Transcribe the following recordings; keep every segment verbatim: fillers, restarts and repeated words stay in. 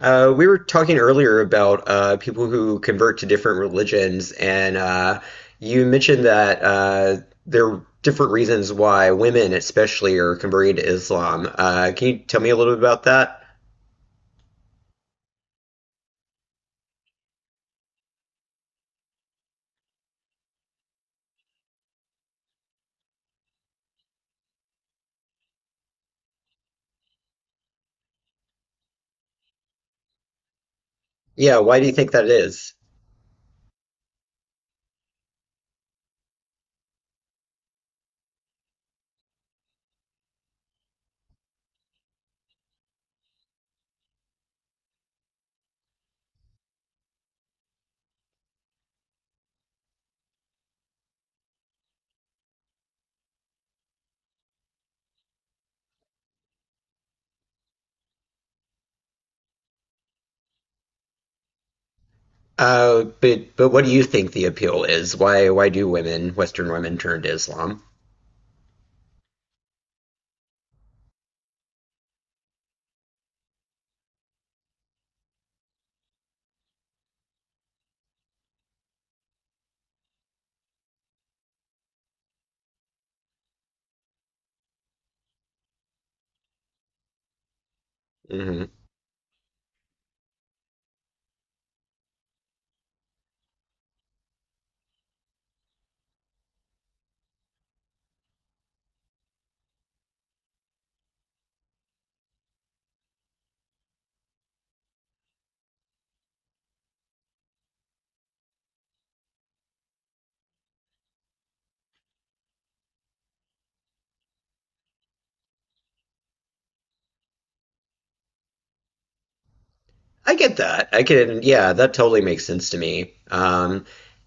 Uh, we were talking earlier about uh, people who convert to different religions, and uh, you mentioned that uh, there are different reasons why women, especially, are converting to Islam. Uh, can you tell me a little bit about that? Yeah, why do you think that is? Uh, but but what do you think the appeal is? Why why do women, Western women, turn to Islam? Mm-hmm. I get that. I can, yeah, that totally makes sense to me. Um,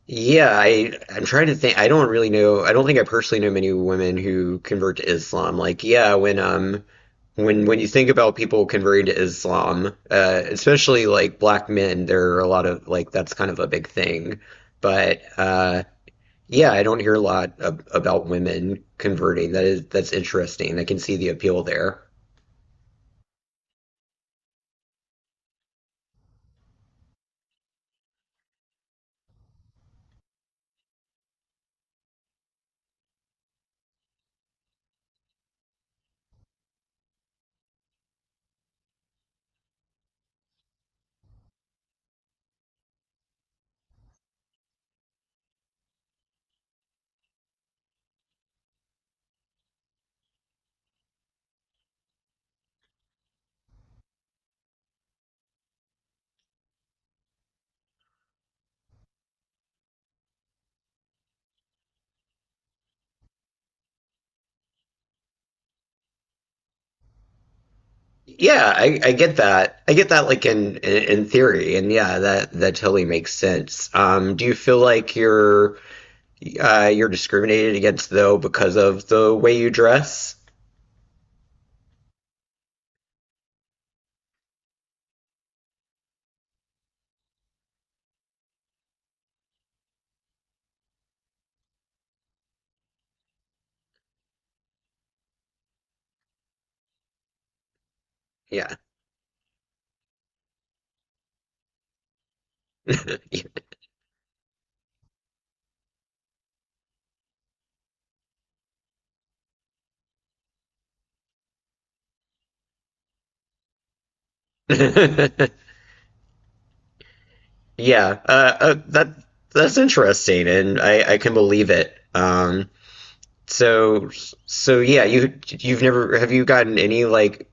Yeah, I I'm trying to think. I don't really know. I don't think I personally know many women who convert to Islam. Like, yeah, when um when when you think about people converting to Islam, uh, especially like black men, there are a lot of like that's kind of a big thing. But uh, yeah, I don't hear a lot ab about women converting. That is that's interesting. I can see the appeal there. Yeah, I, I get that. I get that, like in in theory, and yeah, that that totally makes sense. Um, do you feel like you're uh, you're discriminated against though because of the way you dress? Yeah, yeah. Uh, uh, that that's interesting, and I I can believe it. Um, so so yeah, you you've never, have you gotten any like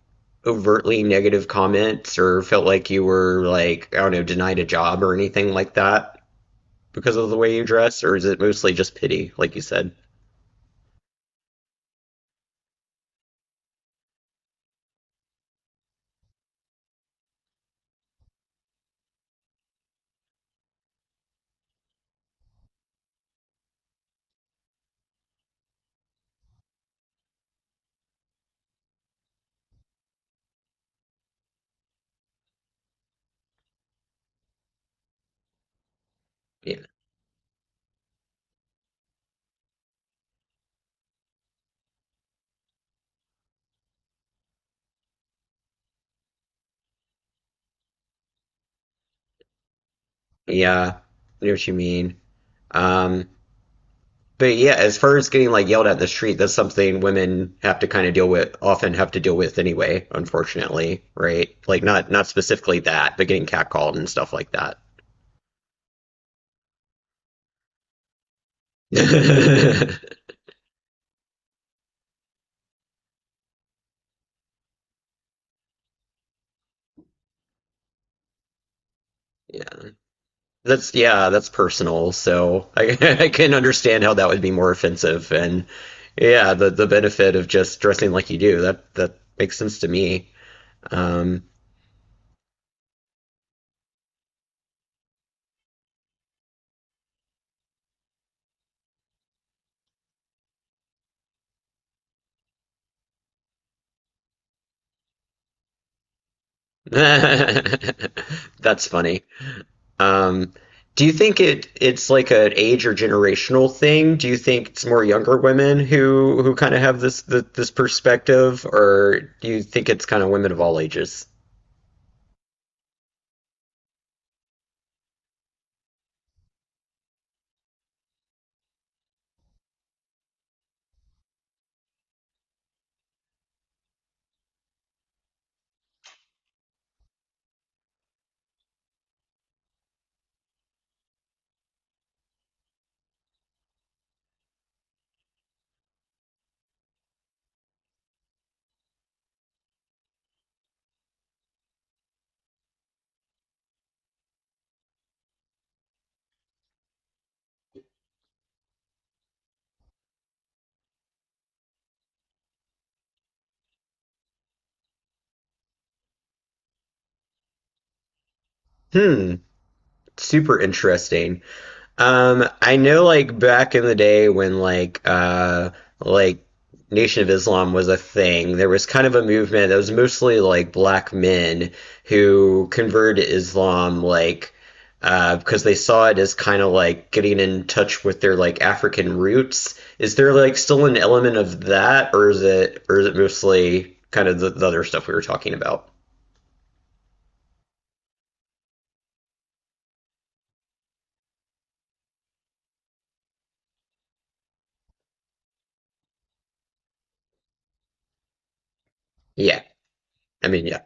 overtly negative comments or felt like you were like, I don't know, denied a job or anything like that? Because of the way you dress, or is it mostly just pity, like you said? Yeah, yeah, I know what you mean. Um, but yeah, as far as getting like yelled at in the street, that's something women have to kind of deal with, often have to deal with anyway, unfortunately, right? Like not not specifically that, but getting catcalled and stuff like that. yeah, that's yeah, that's personal. So I, I can understand how that would be more offensive, and yeah, the the benefit of just dressing like you do, that that makes sense to me. Um, that's funny. Um, do you think it it's like an age or generational thing? Do you think it's more younger women who who kind of have this th this perspective, or do you think it's kind of women of all ages? Hmm, super interesting. Um, I know like back in the day when like uh like Nation of Islam was a thing, there was kind of a movement that was mostly like black men who converted to Islam like uh because they saw it as kind of like getting in touch with their like African roots. Is there like still an element of that, or is it or is it mostly kind of the, the other stuff we were talking about? Yeah. I mean, yeah.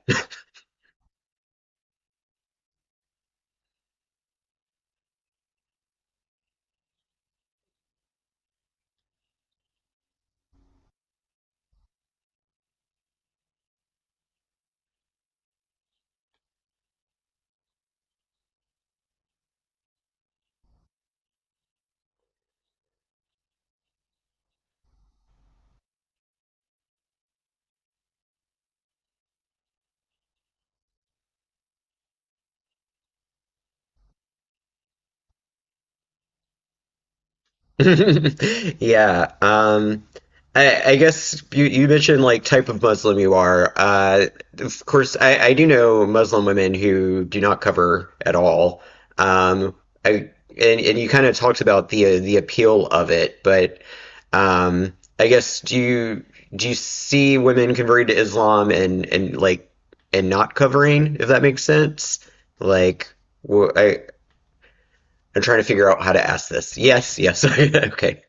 Yeah. Um, I, I guess you, you mentioned like type of Muslim you are. Uh, of course, I, I do know Muslim women who do not cover at all. Um, I and, and you kind of talked about the the appeal of it, but um, I guess do you do you see women converting to Islam and and like and not covering, if that makes sense? Like, wh- I I'm trying to figure out how to ask this. Yes, yes. Okay.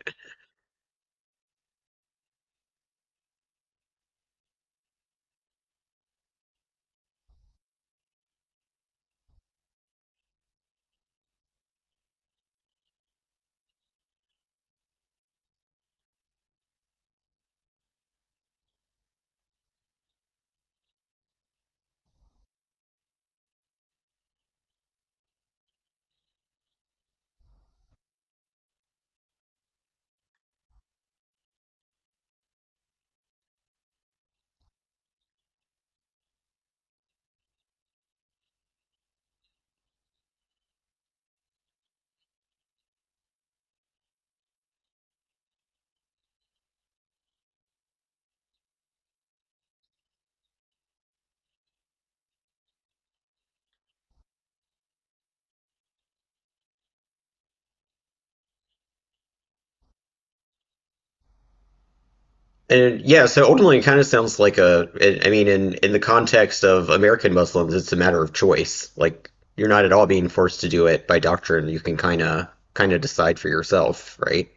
And yeah, so ultimately, it kind of sounds like a. I I mean, in in the context of American Muslims, it's a matter of choice. Like you're not at all being forced to do it by doctrine. You can kind of kind of decide for yourself, right?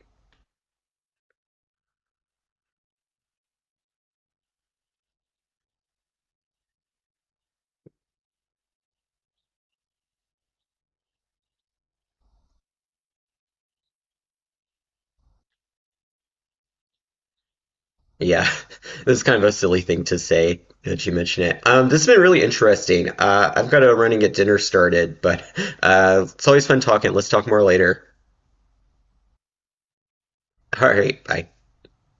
Yeah, this is kind of a silly thing to say that you mention it. Um, this has been really interesting. Uh, I've got a running at dinner started, but uh, it's always fun talking. Let's talk more later. All right, bye.